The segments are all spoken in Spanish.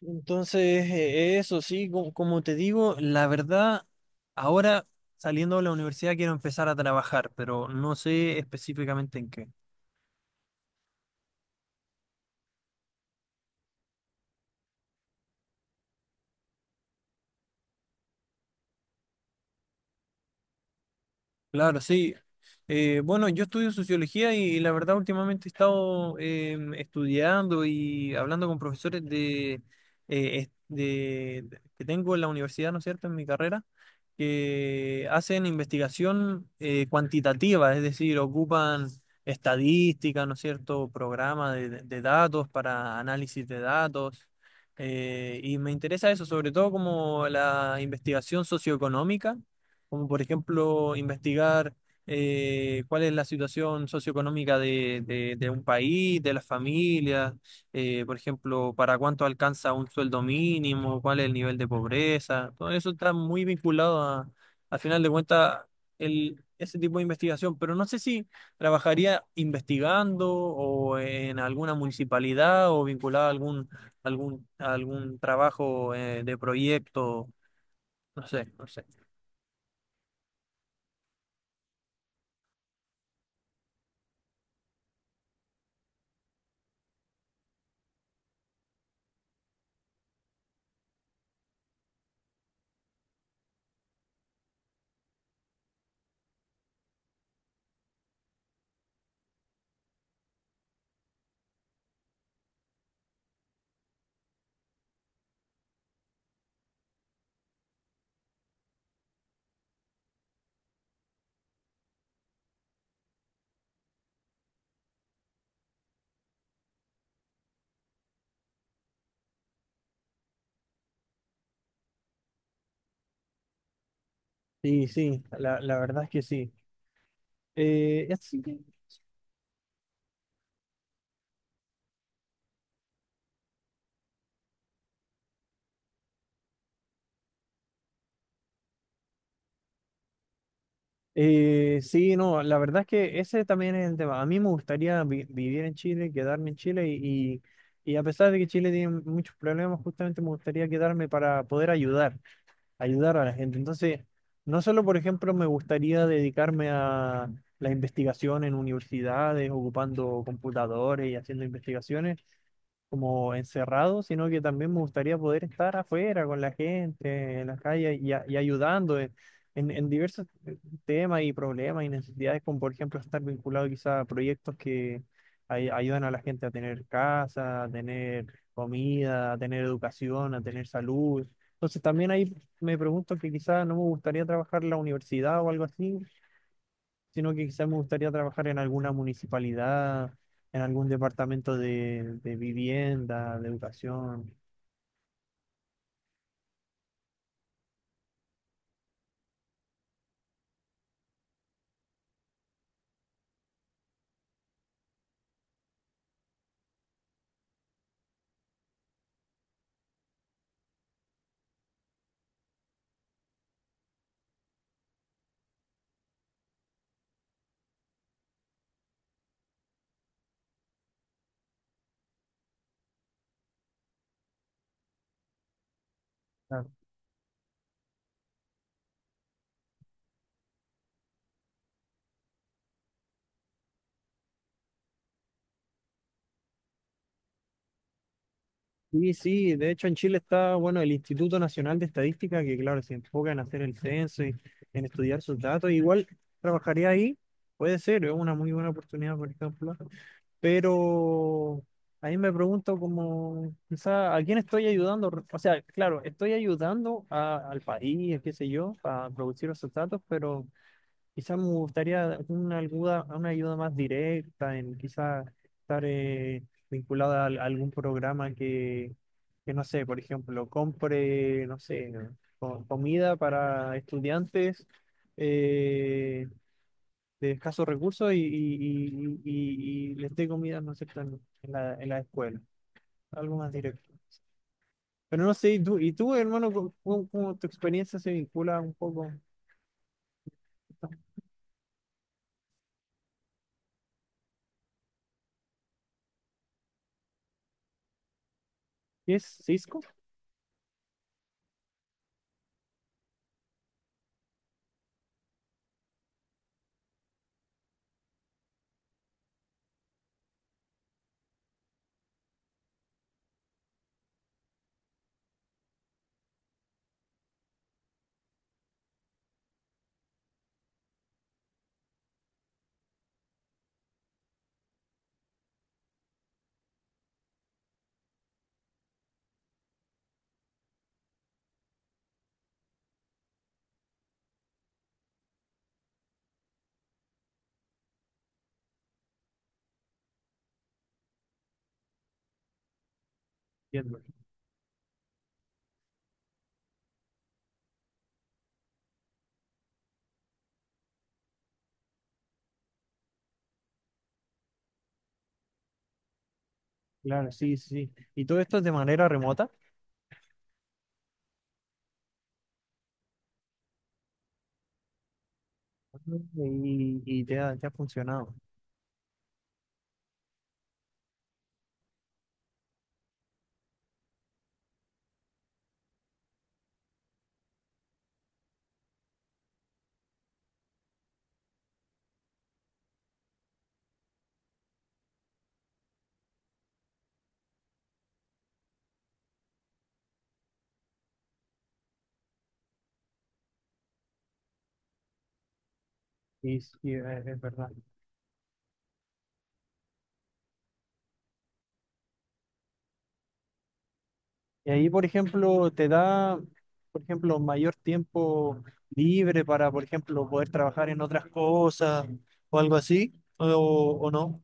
Entonces, eso sí, como te digo, la verdad, ahora saliendo de la universidad quiero empezar a trabajar, pero no sé específicamente en qué. Claro, sí. Bueno, yo estudio sociología y, la verdad últimamente he estado estudiando y hablando con profesores eh, es- de- que tengo en la universidad, ¿no es cierto?, en mi carrera, que hacen investigación cuantitativa, es decir, ocupan estadística, ¿no es cierto?, programas de datos para análisis de datos. Y me interesa eso, sobre todo como la investigación socioeconómica, como por ejemplo investigar cuál es la situación socioeconómica de un país, de las familias, por ejemplo, para cuánto alcanza un sueldo mínimo, cuál es el nivel de pobreza, todo eso está muy al final de cuentas, ese tipo de investigación, pero no sé si trabajaría investigando o en alguna municipalidad o vinculado a algún, algún, a algún trabajo de proyecto, no sé, no sé. Sí, sí, la verdad es que sí. Eh, así que, sí, no, la verdad es que ese también es el tema. A mí me gustaría vivir en Chile, quedarme en Chile y, y a pesar de que Chile tiene muchos problemas, justamente me gustaría quedarme para poder ayudar, ayudar a la gente. Entonces, no solo, por ejemplo, me gustaría dedicarme a la investigación en universidades, ocupando computadores y haciendo investigaciones, como encerrado, sino que también me gustaría poder estar afuera con la gente, en las calles y, y ayudando en, en diversos temas y problemas y necesidades, como por ejemplo estar vinculado quizá a proyectos que ayudan a la gente a tener casa, a tener comida, a tener educación, a tener salud. Entonces también ahí me pregunto que quizá no me gustaría trabajar en la universidad o algo así, sino que quizás me gustaría trabajar en alguna municipalidad, en algún departamento de vivienda, de educación. Claro. Y sí, de hecho en Chile está, bueno, el Instituto Nacional de Estadística, que claro, se enfoca en hacer el censo y en estudiar sus datos. Igual trabajaría ahí, puede ser, es una muy buena oportunidad, por ejemplo. Pero ahí me pregunto como, quizá, ¿a quién estoy ayudando? O sea, claro, estoy ayudando al país, qué sé yo, a producir esos datos, pero quizás me gustaría una ayuda más directa, en quizás estar vinculada a, algún programa que, no sé, por ejemplo, compre, no sé, comida para estudiantes eh, de escasos recursos y, y les dé comida, no sé, en en la escuela, algo más directo. Pero no sé, y tú hermano, cómo, cómo tu experiencia se vincula un poco? ¿Qué es Cisco? Entiendo. Claro, sí, sí, sí. Y todo esto es de manera remota y te ha funcionado. Sí, sí, es verdad. Y ahí, por ejemplo, te da, por ejemplo, mayor tiempo libre para, por ejemplo, poder trabajar en otras cosas o algo así, o, o no.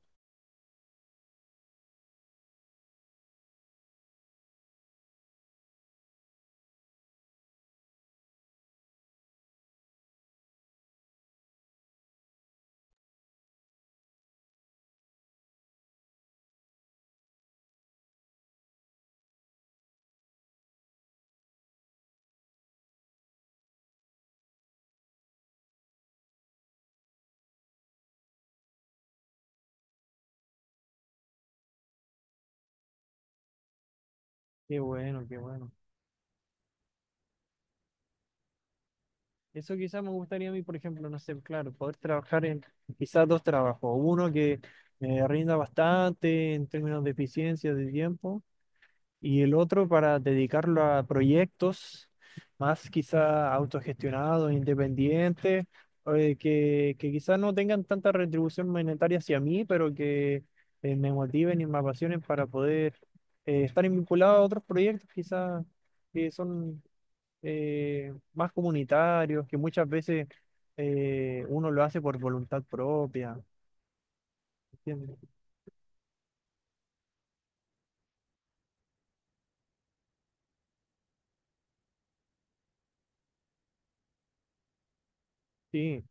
Qué bueno, qué bueno. Eso quizás me gustaría a mí, por ejemplo, no sé, claro, poder trabajar en quizás dos trabajos. Uno que me rinda bastante en términos de eficiencia de tiempo y el otro para dedicarlo a proyectos más quizá autogestionados, independientes, que quizás no tengan tanta retribución monetaria hacia mí, pero que me motiven y me apasionen para poder estar vinculado a otros proyectos quizás que son más comunitarios, que muchas veces uno lo hace por voluntad propia. ¿Entiendes? Sí,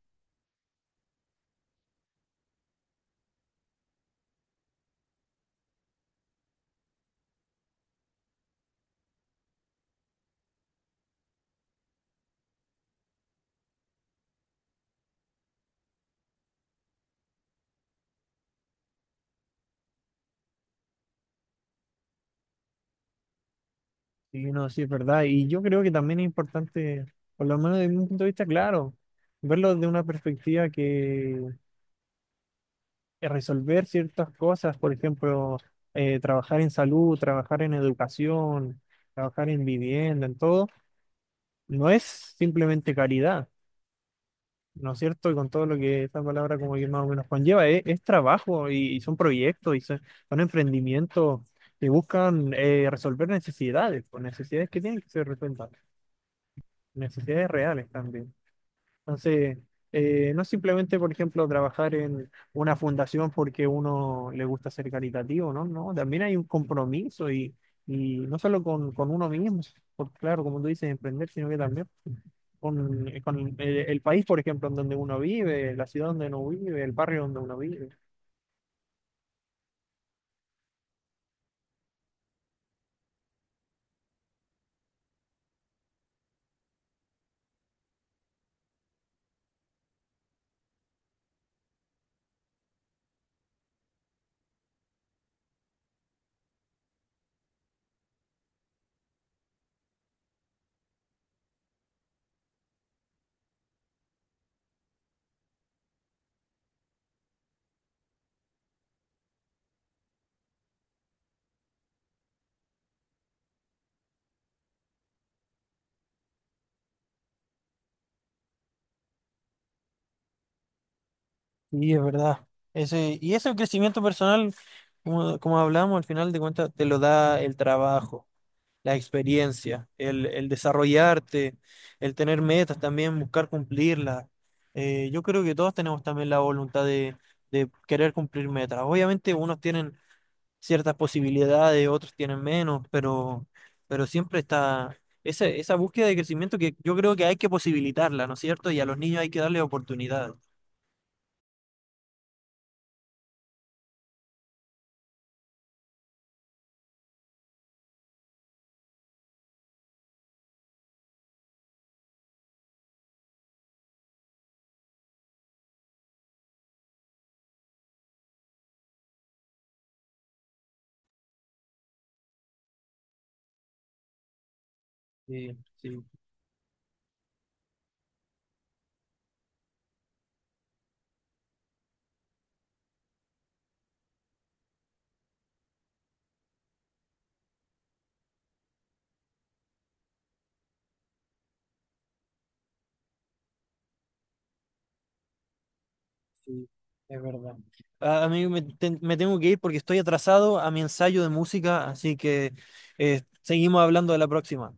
sí, no, sí, es verdad. Y yo creo que también es importante, por lo menos desde un punto de vista claro, verlo de una perspectiva que resolver ciertas cosas, por ejemplo, trabajar en salud, trabajar en educación, trabajar en vivienda, en todo, no es simplemente caridad, ¿no es cierto? Y con todo lo que esta palabra como que más o menos conlleva, es trabajo y son proyectos y son, son emprendimientos que buscan resolver necesidades, pues, necesidades que tienen que ser resueltas, necesidades reales también. Entonces, no simplemente, por ejemplo, trabajar en una fundación porque uno le gusta ser caritativo, ¿no? No, también hay un compromiso y no solo con uno mismo, porque claro, como tú dices, emprender, sino que también con el país, por ejemplo, en donde uno vive, la ciudad donde uno vive, el barrio donde uno vive. Sí, es verdad. Ese, y ese crecimiento personal, como, como hablábamos al final de cuentas, te lo da el trabajo, la experiencia, el desarrollarte, el tener metas también, buscar cumplirlas. Yo creo que todos tenemos también la voluntad de querer cumplir metas. Obviamente unos tienen ciertas posibilidades, otros tienen menos, pero siempre está esa, esa búsqueda de crecimiento que yo creo que hay que posibilitarla, ¿no es cierto? Y a los niños hay que darle oportunidades. Sí, sí. Sí, es verdad. A mí me, me tengo que ir porque estoy atrasado a mi ensayo de música, así que seguimos hablando de la próxima.